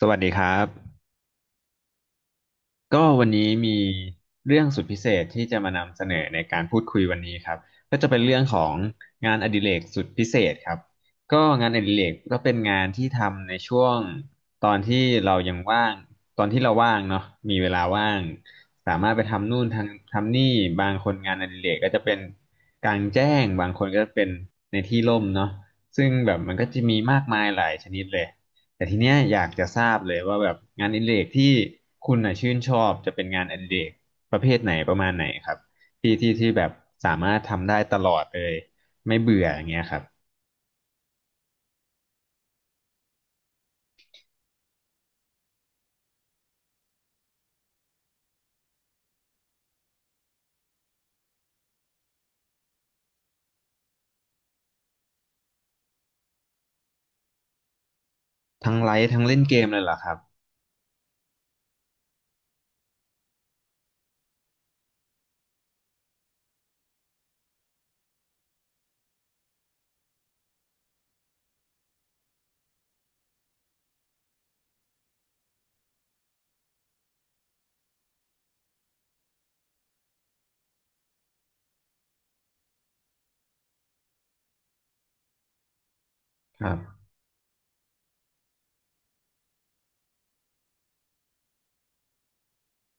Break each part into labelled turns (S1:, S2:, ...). S1: สวัสดีครับก็วันนี้มีเรื่องสุดพิเศษที่จะมานำเสนอในการพูดคุยวันนี้ครับก็จะเป็นเรื่องของงานอดิเรกสุดพิเศษครับก็งานอดิเรกก็เป็นงานที่ทำในช่วงตอนที่เรายังว่างตอนที่เราว่างเนาะมีเวลาว่างสามารถไปทำนู่นทำนี่บางคนงานอดิเรกก็จะเป็นกลางแจ้งบางคนก็เป็นในที่ร่มเนาะซึ่งแบบมันก็จะมีมากมายหลายชนิดเลย แต่ทีเนี้ยอยากจะทราบเลยว่าแบบงานอดิเรกที่คุณน่ะชื่นชอบจะเป็นงานอดิเรกประเภทไหนประมาณไหนครับที่แบบสามารถทำได้ตลอดเลยไม่เบื่ออย่างเงี้ยครับทั้งไลฟ์ทั้งเล่นเกมเลยเหรอครับครับ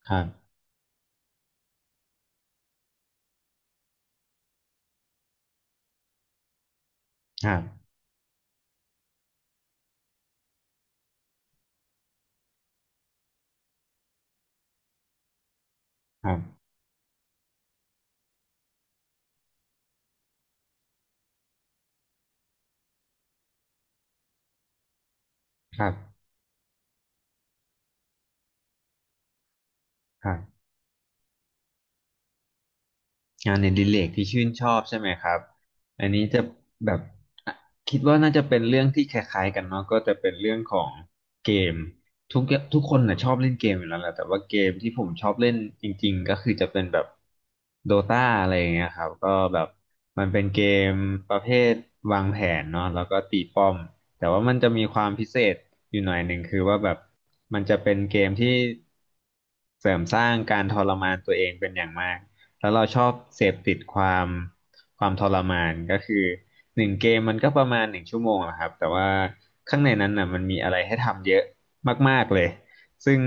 S1: ครับครับครับครับครับ งานในดิเลกที่ชื่นชอบใช่ไหมครับอันนี้จะแบบอ่ะคิดว่าน่าจะเป็นเรื่องที่คล้ายๆกันเนาะก็จะเป็นเรื่องของเกมทุกทุกคนน่ะชอบเล่นเกมอยู่แล้วแหละแต่ว่าเกมที่ผมชอบเล่นจริงๆก็คือจะเป็นแบบโดตาอะไรอย่างเงี้ยครับก็แบบมันเป็นเกมประเภทวางแผนเนาะแล้วก็ตีป้อมแต่ว่ามันจะมีความพิเศษอยู่หน่อยหนึ่งคือว่าแบบมันจะเป็นเกมที่เสริมสร้างการทรมานตัวเองเป็นอย่างมาก แล้วเราชอบเสพติดความทรมานก็คือหนึ่งเกมมันก็ประมาณหนึ่งชั่วโมงอะครับแต่ว่าข้างในนั้นน่ะมันมีอะไรให้ทำเยอะมากๆเลยซึ่ง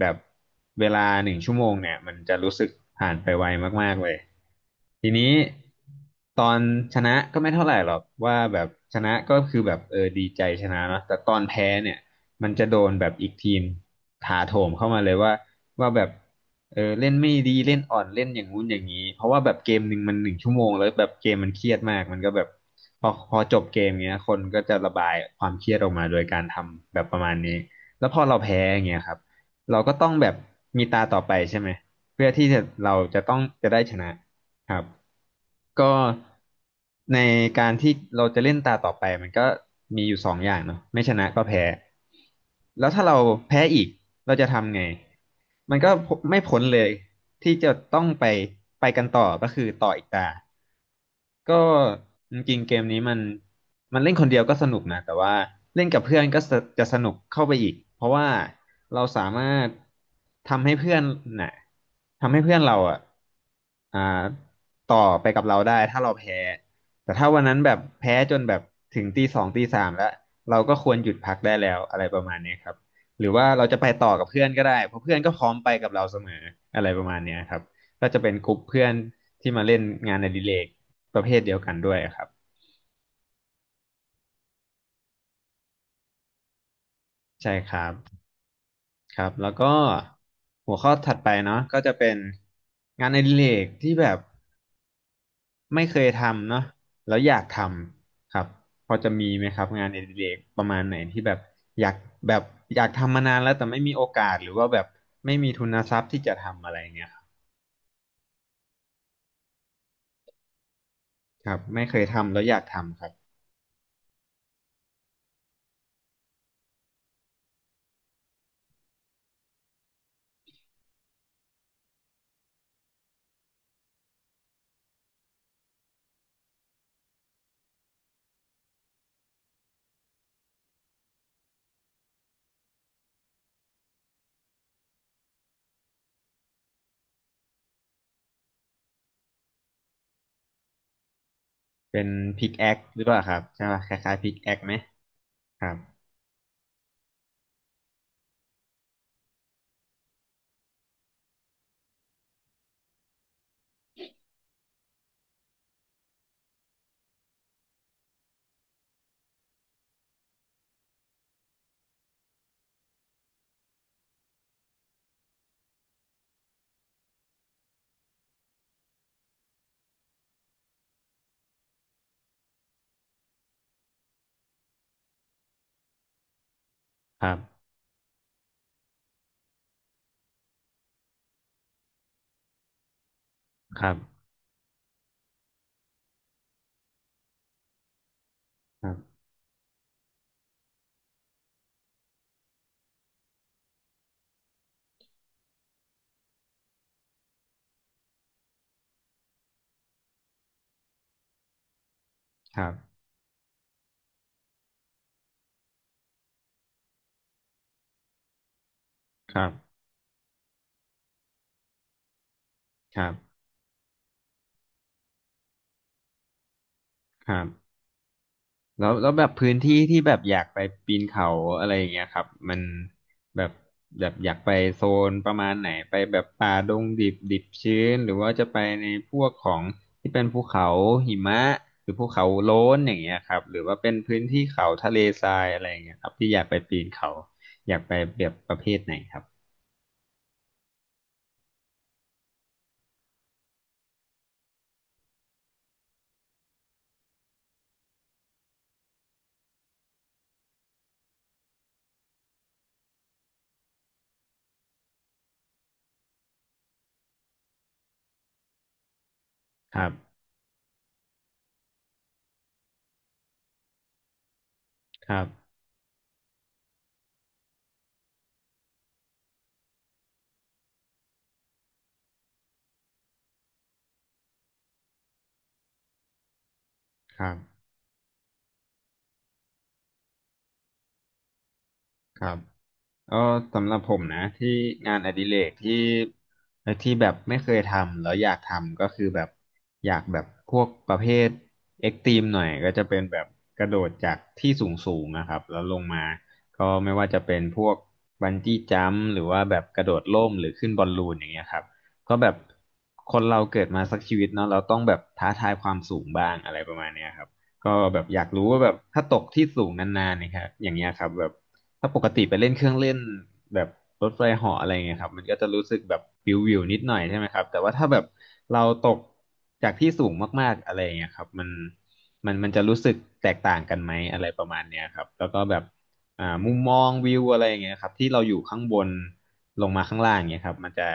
S1: แบบเวลาหนึ่งชั่วโมงเนี่ยมันจะรู้สึกผ่านไปไวมากๆเลยทีนี้ตอนชนะก็ไม่เท่าไหร่หรอกว่าแบบชนะก็คือแบบเออดีใจชนะเนาะแต่ตอนแพ้เนี่ยมันจะโดนแบบอีกทีมถาโถมเข้ามาเลยว่าแบบ เออเล่นไม่ดีเล่นอ่อนเล่นอย่างงู้นอย่างนี้เพราะว่าแบบเกมหนึ่งมันหนึ่งชั่วโมงแล้วแบบเกมมันเครียดมากมันก็แบบพอจบเกมเงี้ยคนก็จะระบายความเครียดออกมาโดยการทำแบบประมาณนี้แล้วพอเราแพ้อย่างเงี้ยครับเราก็ต้องแบบมีตาต่อไปใช่ไหมเพื่อที่จะเราจะต้องจะได้ชนะ ครับก็ในการที่เราจะเล่นตาต่อไปมันก็มีอยู่สองอย่างเนาะไม่ชนะก็แพ้แล้วถ้าเราแพ้อีกเราจะทำไงมันก็ไม่พ้นเลยที่จะต้องไปกันต่อก็คือต่ออีกตา ก็จริงๆเกมนี้มันเล่นคนเดียวก็สนุกนะแต่ว่าเล่นกับเพื่อนก็สจะสนุกเข้าไปอีกเพราะว่าเราสามารถทำให้เพื่อนน่ะทำให้เพื่อนเราอ่ะอ่าต่อไปกับเราได้ถ้าเราแพ้แต่ถ้าวันนั้นแบบแพ้จนแบบถึงตีสองตีสามแล้วเราก็ควรหยุดพักได้แล้วอะไรประมาณเนี้ยครับหรือว่าเราจะไปต่อกับเพื่อนก็ได้เพราะเพื่อนก็พร้อมไปกับเราเสมออะไรประมาณเนี้ยครับก็จะเป็นกลุ่มเพื่อนที่มาเล่นงานอดิเรก ประเภทเดียวกันด้วยครับใช่ครับครับแล้วก็หัวข้อถัดไปเนาะก็จะเป็นงานอดิเรกที่แบบไม่เคยทำเนาะแล้วอยากทำครับพอจะมีไหมครับงานอดิเรกประมาณไหนที่แบบอยากแบบอยากทำมานานแล้วแต่ไม่มีโอกาสหรือว่าแบบไม่มีทุนทรัพย์ที่จะทำอะไรเงี้ยครับครับไม่เคยทำแล้วอยากทำครับเป็นพิกแอคหรือเปล่าครับใช่ป่ะคล้ายๆพิกแอคไหมครับครับครับครับครับครับครับครับ แล้วแบบพื้นที่ที่แบบอยากไปปีนเขาอะไรอย่างเงี้ยครับมันแบบแบบอยากไปโซนประมาณไหนไปแบบป่าดงดิบดิบชื้นหรือว่าจะไปในพวกของที่เป็นภูเขาหิมะหรือภูเขาโล้นอย่างเงี้ยครับหรือว่าเป็นพื้นที่เขาทะเลทรายอะไรอย่างเงี้ยครับที่อยากไปปีนเขาอยากไปแบบประเภทไหนครับครับครับครับครับ ก็สำหรับผมนะที่งานอดิเรกที่แบบไม่เคยทำแล้วอยากทำก็คือแบบอยากแบบพวกประเภทเอ็กตรีมหน่อยก็จะเป็นแบบกระโดดจากที่สูงสูงนะครับแล้วลงมาก็ไม่ว่าจะเป็นพวกบันจี้จัมพ์หรือว่าแบบกระโดดร่มหรือขึ้นบอลลูนอย่างเงี้ยครับก็แบบคนเราเกิดมาสักชีวิตเนาะเราต้องแบบท้าทายความสูงบ้างอะไรประมาณเนี้ยครับก็แบบอยากรู้ว่าแบบถ้าตกที่สูงนานๆเนะครับอย่างเงี้ยครับแบบ ถ้าปกติไปเล่นเครื่องเล่นแบบรถไฟเหาะอะไรเงี้ยครับมันก็จะรู้สึกแบบวิววิวนิดหน่อยใช่ไหมครับแต่ว่าถ้าแบบเราตกจากที่สูงมากๆอะไรเงี้ยครับมันมันจะรู้สึกแตกต่างกันไหมอะไรประมาณเนี้ยครับแล้วก็แบบมุมมองวิวอะไรเงี้ยครับที่เราอยู่ข้างบนลงมาข้างล่างเงี้ยครับมันจะ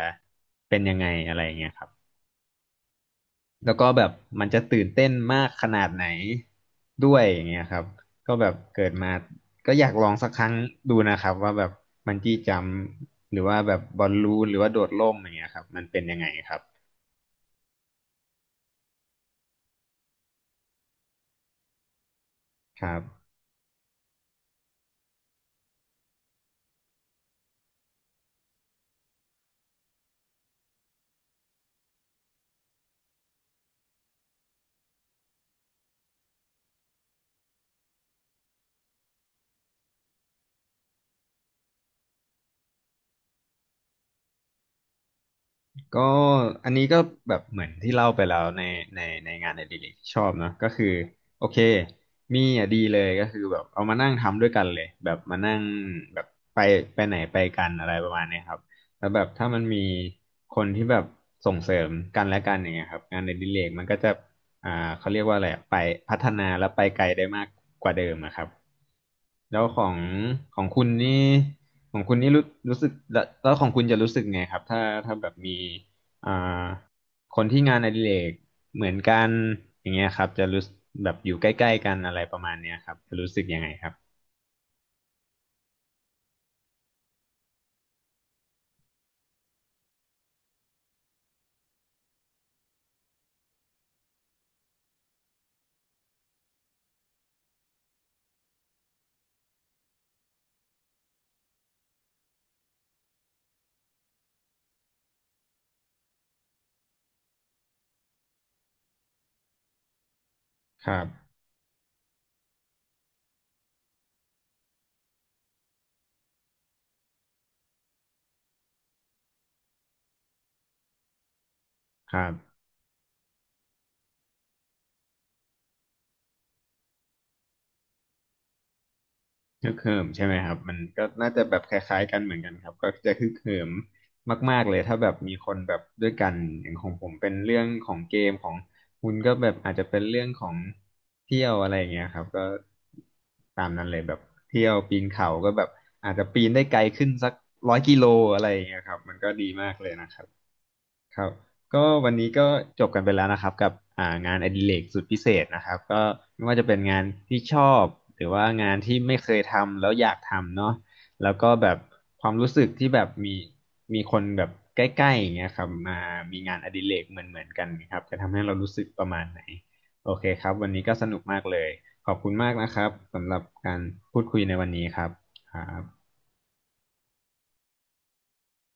S1: เป็นยังไงอะไรเงี้ยครับ แล้วก็แบบมันจะตื่นเต้นมากขนาดไหนด้วยอย่างเงี้ยครับก็แบบเกิดมาก็อยากลองสักครั้งดูนะครับว่าแบบบันจี้จัมพ์หรือว่าแบบบอลลูนหรือว่าโดดร่มอย่างเงี้ยครับมันเป็นยังไงครับครับ ก็อันนี้ก็แบบเหมือนที่เล่าไปแล้วในในงานในดิเรกที่ชอบเนอะก็คือโอเคมีอ่ะดีเลยก็คือแบบเอามานั่งทำด้วยกันเลยแบบมานั่งแบบไปไปไหนไปกันอะไรประมาณเนี้ยครับแล้วแบบถ้ามันมีคนที่แบบส่งเสริมกันและกันอย่างเงี้ยครับงานในดิเรกมันก็จะอ่าเขาเรียกว่าอะไรอะไปพัฒนาและไปไกลได้มากกว่าเดิมอะครับแล้วของของคุณนี่ ของคุณนี่รู้สึกแล้วแล้วของคุณจะรู้สึกไงครับถ้าแบบมีอ่าคนที่งานอดิเรกเหมือนกันอย่างเงี้ยครับจะรู้สึกแบบอยู่ใกล้ๆกันอะไรประมาณเนี้ยครับจะรู้สึกยังไงครับครับครับ ฮึกเหิมใช่ไหมครับมันก็น่าจะแบบคล้ายๆกันเหมือนกันครับก็จะฮึกเหิมมากๆเลยถ้าแบบมีคนแบบด้วยกันอย่างของผมเป็นเรื่องของเกมของคุณก็แบบอาจจะเป็นเรื่องของเที่ยวอะไรอย่างเงี้ยครับก็ตามนั้นเลยแบบเที่ยวปีนเขาก็แบบอาจจะปีนได้ไกลขึ้นสัก100 กิโลอะไรอย่างเงี้ยครับมันก็ดีมากเลยนะครับ ครับก็วันนี้ก็จบกันไปแล้วนะครับกับงานอดิเรกสุดพิเศษนะครับก็ไม่ว่าจะเป็นงานที่ชอบหรือว่างานที่ไม่เคยทำแล้วอยากทำเนาะแล้วก็แบบความรู้สึกที่แบบมีคนแบบใกล้ๆอย่างเงี้ยครับมามีงานอดิเรกเหมือนเหมือนกันครับจะทำให้เรารู้สึกประมาณไหนโอเคครับวันนี้ก็สนุกมากเลยขอบคุณมากนะครับสำหรับการพูดคุยในวันนี้ครับครับ